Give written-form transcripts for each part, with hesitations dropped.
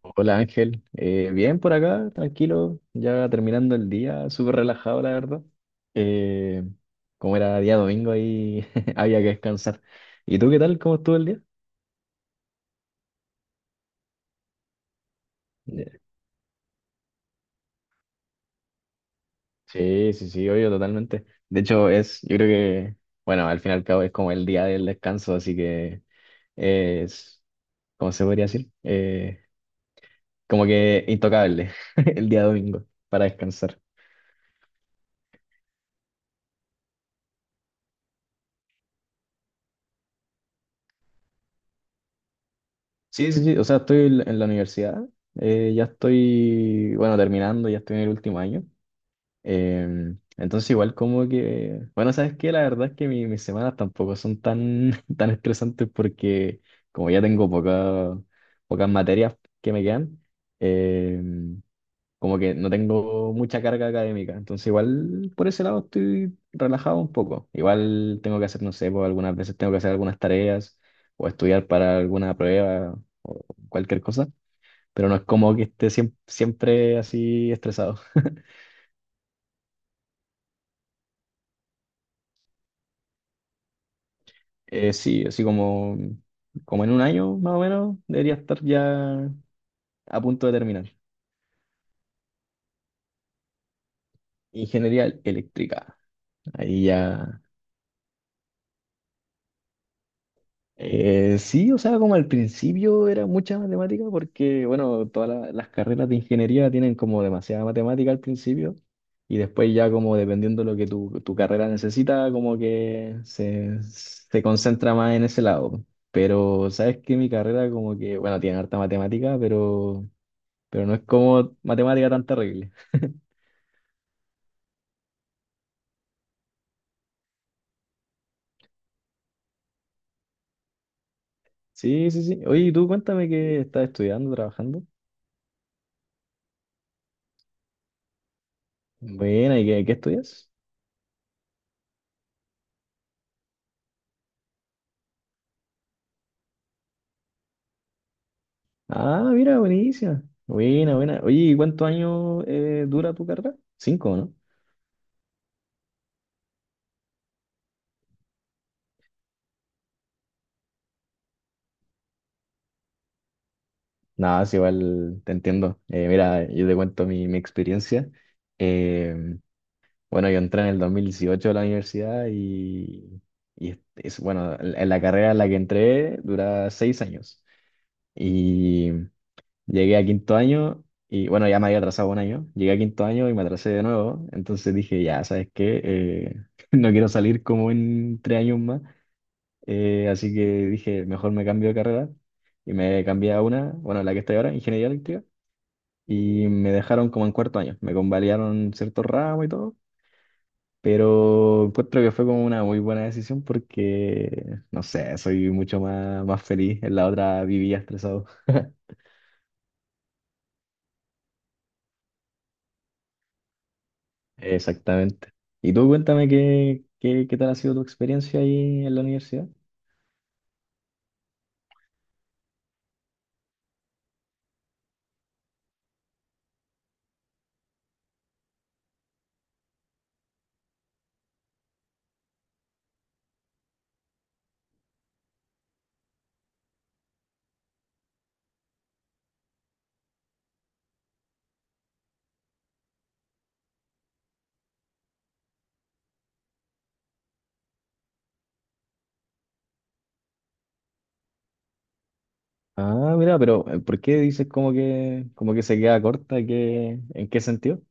Hola Ángel. Bien por acá, tranquilo, ya terminando el día, súper relajado la verdad. Eh, Como era día domingo ahí había que descansar. ¿Y tú qué tal? ¿Cómo estuvo el día? Ya. Sí, sí, sí, obvio, totalmente. De hecho es, yo creo que, bueno, al fin y al cabo es como el día del descanso, así que es, ¿cómo se podría decir? Como que intocable el día domingo para descansar. Sí, sí, sí, o sea, estoy en la universidad, ya estoy, bueno, terminando, ya estoy en el último año. Entonces igual como que, bueno, ¿sabes qué? La verdad es que mis semanas tampoco son tan, tan estresantes porque como ya tengo pocas materias que me quedan, em, como que no tengo mucha carga académica, entonces igual por ese lado estoy relajado un poco. Igual tengo que hacer, no sé, pues algunas veces tengo que hacer algunas tareas o estudiar para alguna prueba o cualquier cosa, pero no es como que esté siempre así estresado. Sí, así como, como en un año más o menos debería estar ya a punto de terminar. Ingeniería eléctrica. Ahí ya sí, o sea, como al principio era mucha matemática, porque, bueno, todas las carreras de ingeniería tienen como demasiada matemática al principio, y después ya como dependiendo de lo que tu carrera necesita, como que se concentra más en ese lado. Pero, ¿sabes que mi carrera como que, bueno, tiene harta matemática, pero no es como matemática tan terrible? Sí, sí, sí. Oye, y tú cuéntame qué estás estudiando, trabajando. Buena, ¿y qué estudias? Ah, mira, buenísima. Buena, buena. Oye, ¿y cuántos años dura tu carrera? Cinco, ¿no? Nada, es igual, te entiendo. Mira, yo te cuento mi experiencia. Eh, bueno, yo entré en el 2018 a la universidad y bueno, en la carrera en la que entré dura 6 años. Y llegué a quinto año y, bueno, ya me había atrasado un año. Llegué a quinto año y me atrasé de nuevo. Entonces dije, ya, ¿sabes qué? No quiero salir como en tres años más. Así que dije, mejor me cambio de carrera. Y me cambié a una, bueno, la que estoy ahora, ingeniería eléctrica. Y me dejaron como en cuarto año. Me convalidaron ciertos ramos y todo. Pero encuentro que fue como una muy buena decisión porque, no sé, soy mucho más feliz. En la otra vivía estresado. Exactamente. Y tú cuéntame qué tal ha sido tu experiencia ahí en la universidad. Ah, mira, pero ¿por qué dices como que se queda corta? ¿Qué, en qué sentido?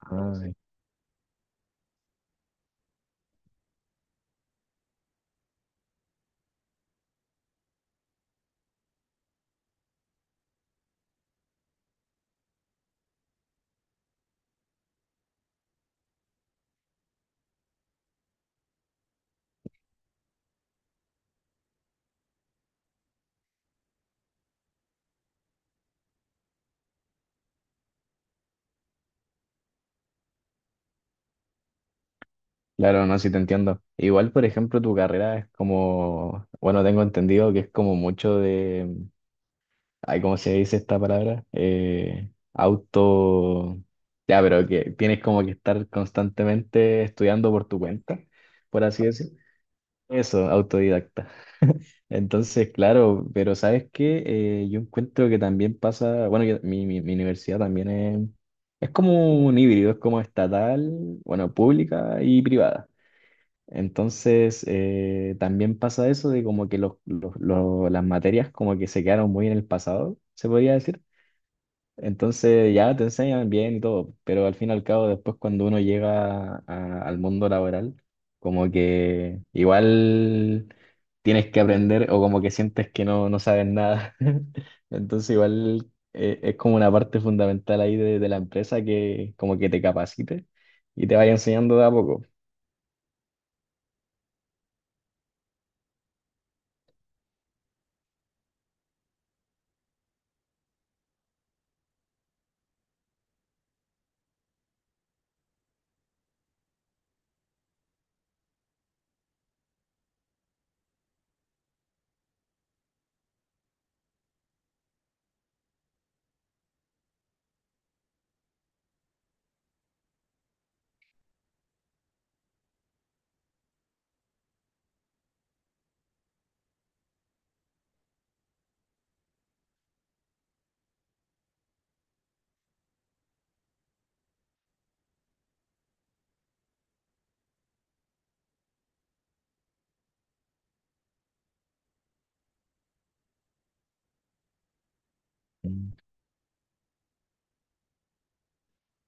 Ah, claro, no, sí te entiendo. Igual, por ejemplo, tu carrera es como, bueno, tengo entendido que es como mucho de, ay, ¿cómo se dice esta palabra? Auto, ya, pero que tienes como que estar constantemente estudiando por tu cuenta, por así decirlo. Eso, autodidacta. Entonces, claro, pero ¿sabes qué? Yo encuentro que también pasa, bueno, mi universidad también es como un híbrido, es como estatal, bueno, pública y privada. Entonces, también pasa eso de como que las materias como que se quedaron muy en el pasado, se podría decir. Entonces ya te enseñan bien y todo, pero al fin y al cabo después cuando uno llega al mundo laboral, como que igual tienes que aprender o como que sientes que no, no sabes nada. Entonces igual es como una parte fundamental ahí de la empresa que como que te capacite y te vaya enseñando de a poco.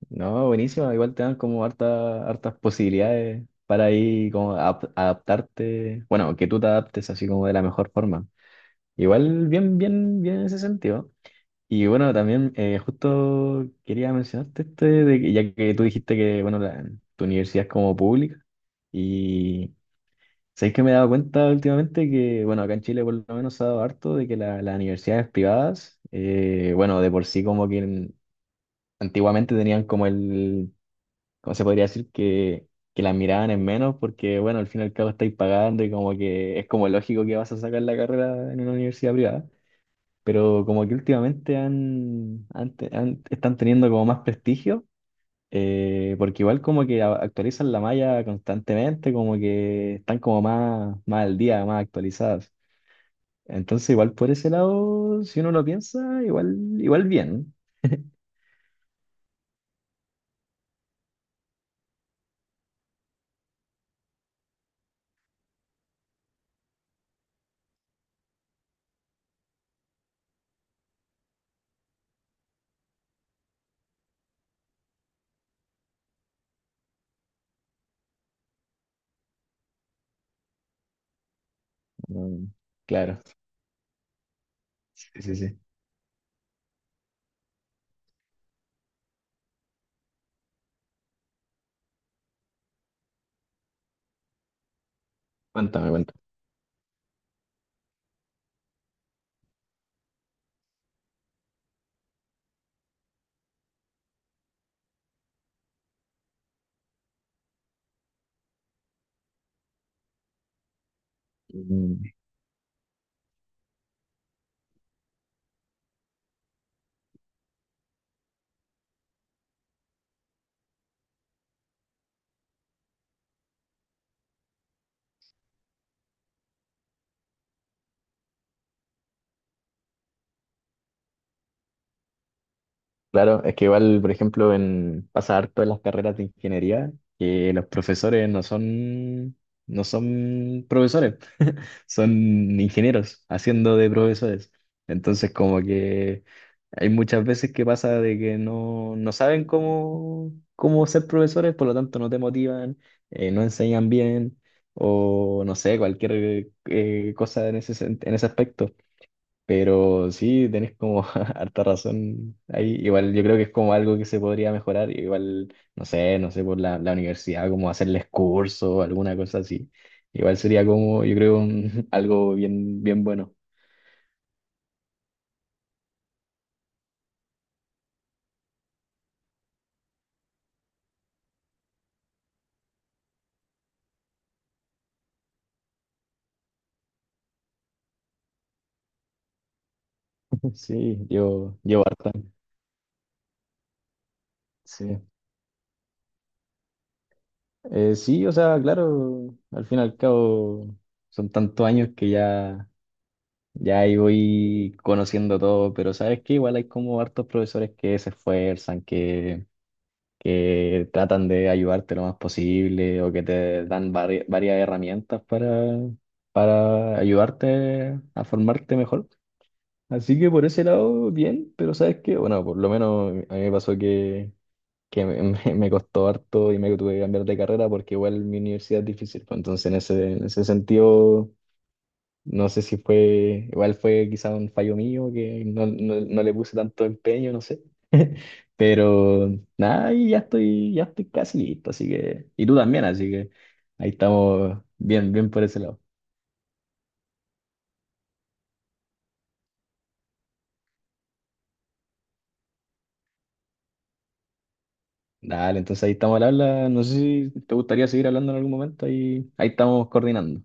No, buenísimo. Igual te dan como hartas posibilidades para ahí como adaptarte. Bueno, que tú te adaptes así como de la mejor forma. Igual bien en ese sentido. Y bueno, también justo quería mencionarte este, de que, ya que tú dijiste que, bueno, tu universidad es como pública. Y sabéis que me he dado cuenta últimamente que, bueno, acá en Chile por lo menos se ha dado harto de que las universidades privadas, bueno, de por sí como que antiguamente tenían como el como se podría decir que la miraban en menos porque, bueno, al fin y al cabo estáis pagando y como que es como lógico que vas a sacar la carrera en una universidad privada, pero como que últimamente están teniendo como más prestigio, porque igual como que actualizan la malla constantemente, como que están como más al día, más actualizadas. Entonces igual por ese lado, si uno lo piensa, igual bien. Mm, claro. Sí, sí, sí. Cuéntame, cuéntame. Claro, es que igual, por ejemplo, en pasa harto en las carreras de ingeniería, que los profesores no son profesores, son ingenieros haciendo de profesores. Entonces, como que hay muchas veces que pasa de que no, no saben cómo ser profesores, por lo tanto no te motivan, no enseñan bien, o no sé, cualquier cosa en ese, en ese aspecto. Pero sí, tenés como harta razón ahí. Igual yo creo que es como algo que se podría mejorar. Igual, no sé, no sé, por la universidad, como hacerles curso o alguna cosa así. Igual sería como, yo creo, algo bien bueno. Sí, yo harta. Sí. Sí, o sea, claro, al fin y al cabo son tantos años que ya, ya ahí voy conociendo todo, pero sabes que igual hay como hartos profesores que se esfuerzan, que tratan de ayudarte lo más posible o que te dan varias herramientas para ayudarte a formarte mejor. Así que por ese lado, bien, pero ¿sabes qué? Bueno, por lo menos a mí me pasó que me, me costó harto y me tuve que cambiar de carrera porque igual mi universidad es difícil. Pues, entonces, en ese sentido, no sé si fue, igual fue quizá un fallo mío que no, no no le puse tanto empeño, no sé. Pero nada, y ya estoy casi listo, así que, y tú también, así que ahí estamos bien por ese lado. Dale, entonces ahí estamos al habla. No sé si te gustaría seguir hablando en algún momento, ahí, ahí estamos coordinando.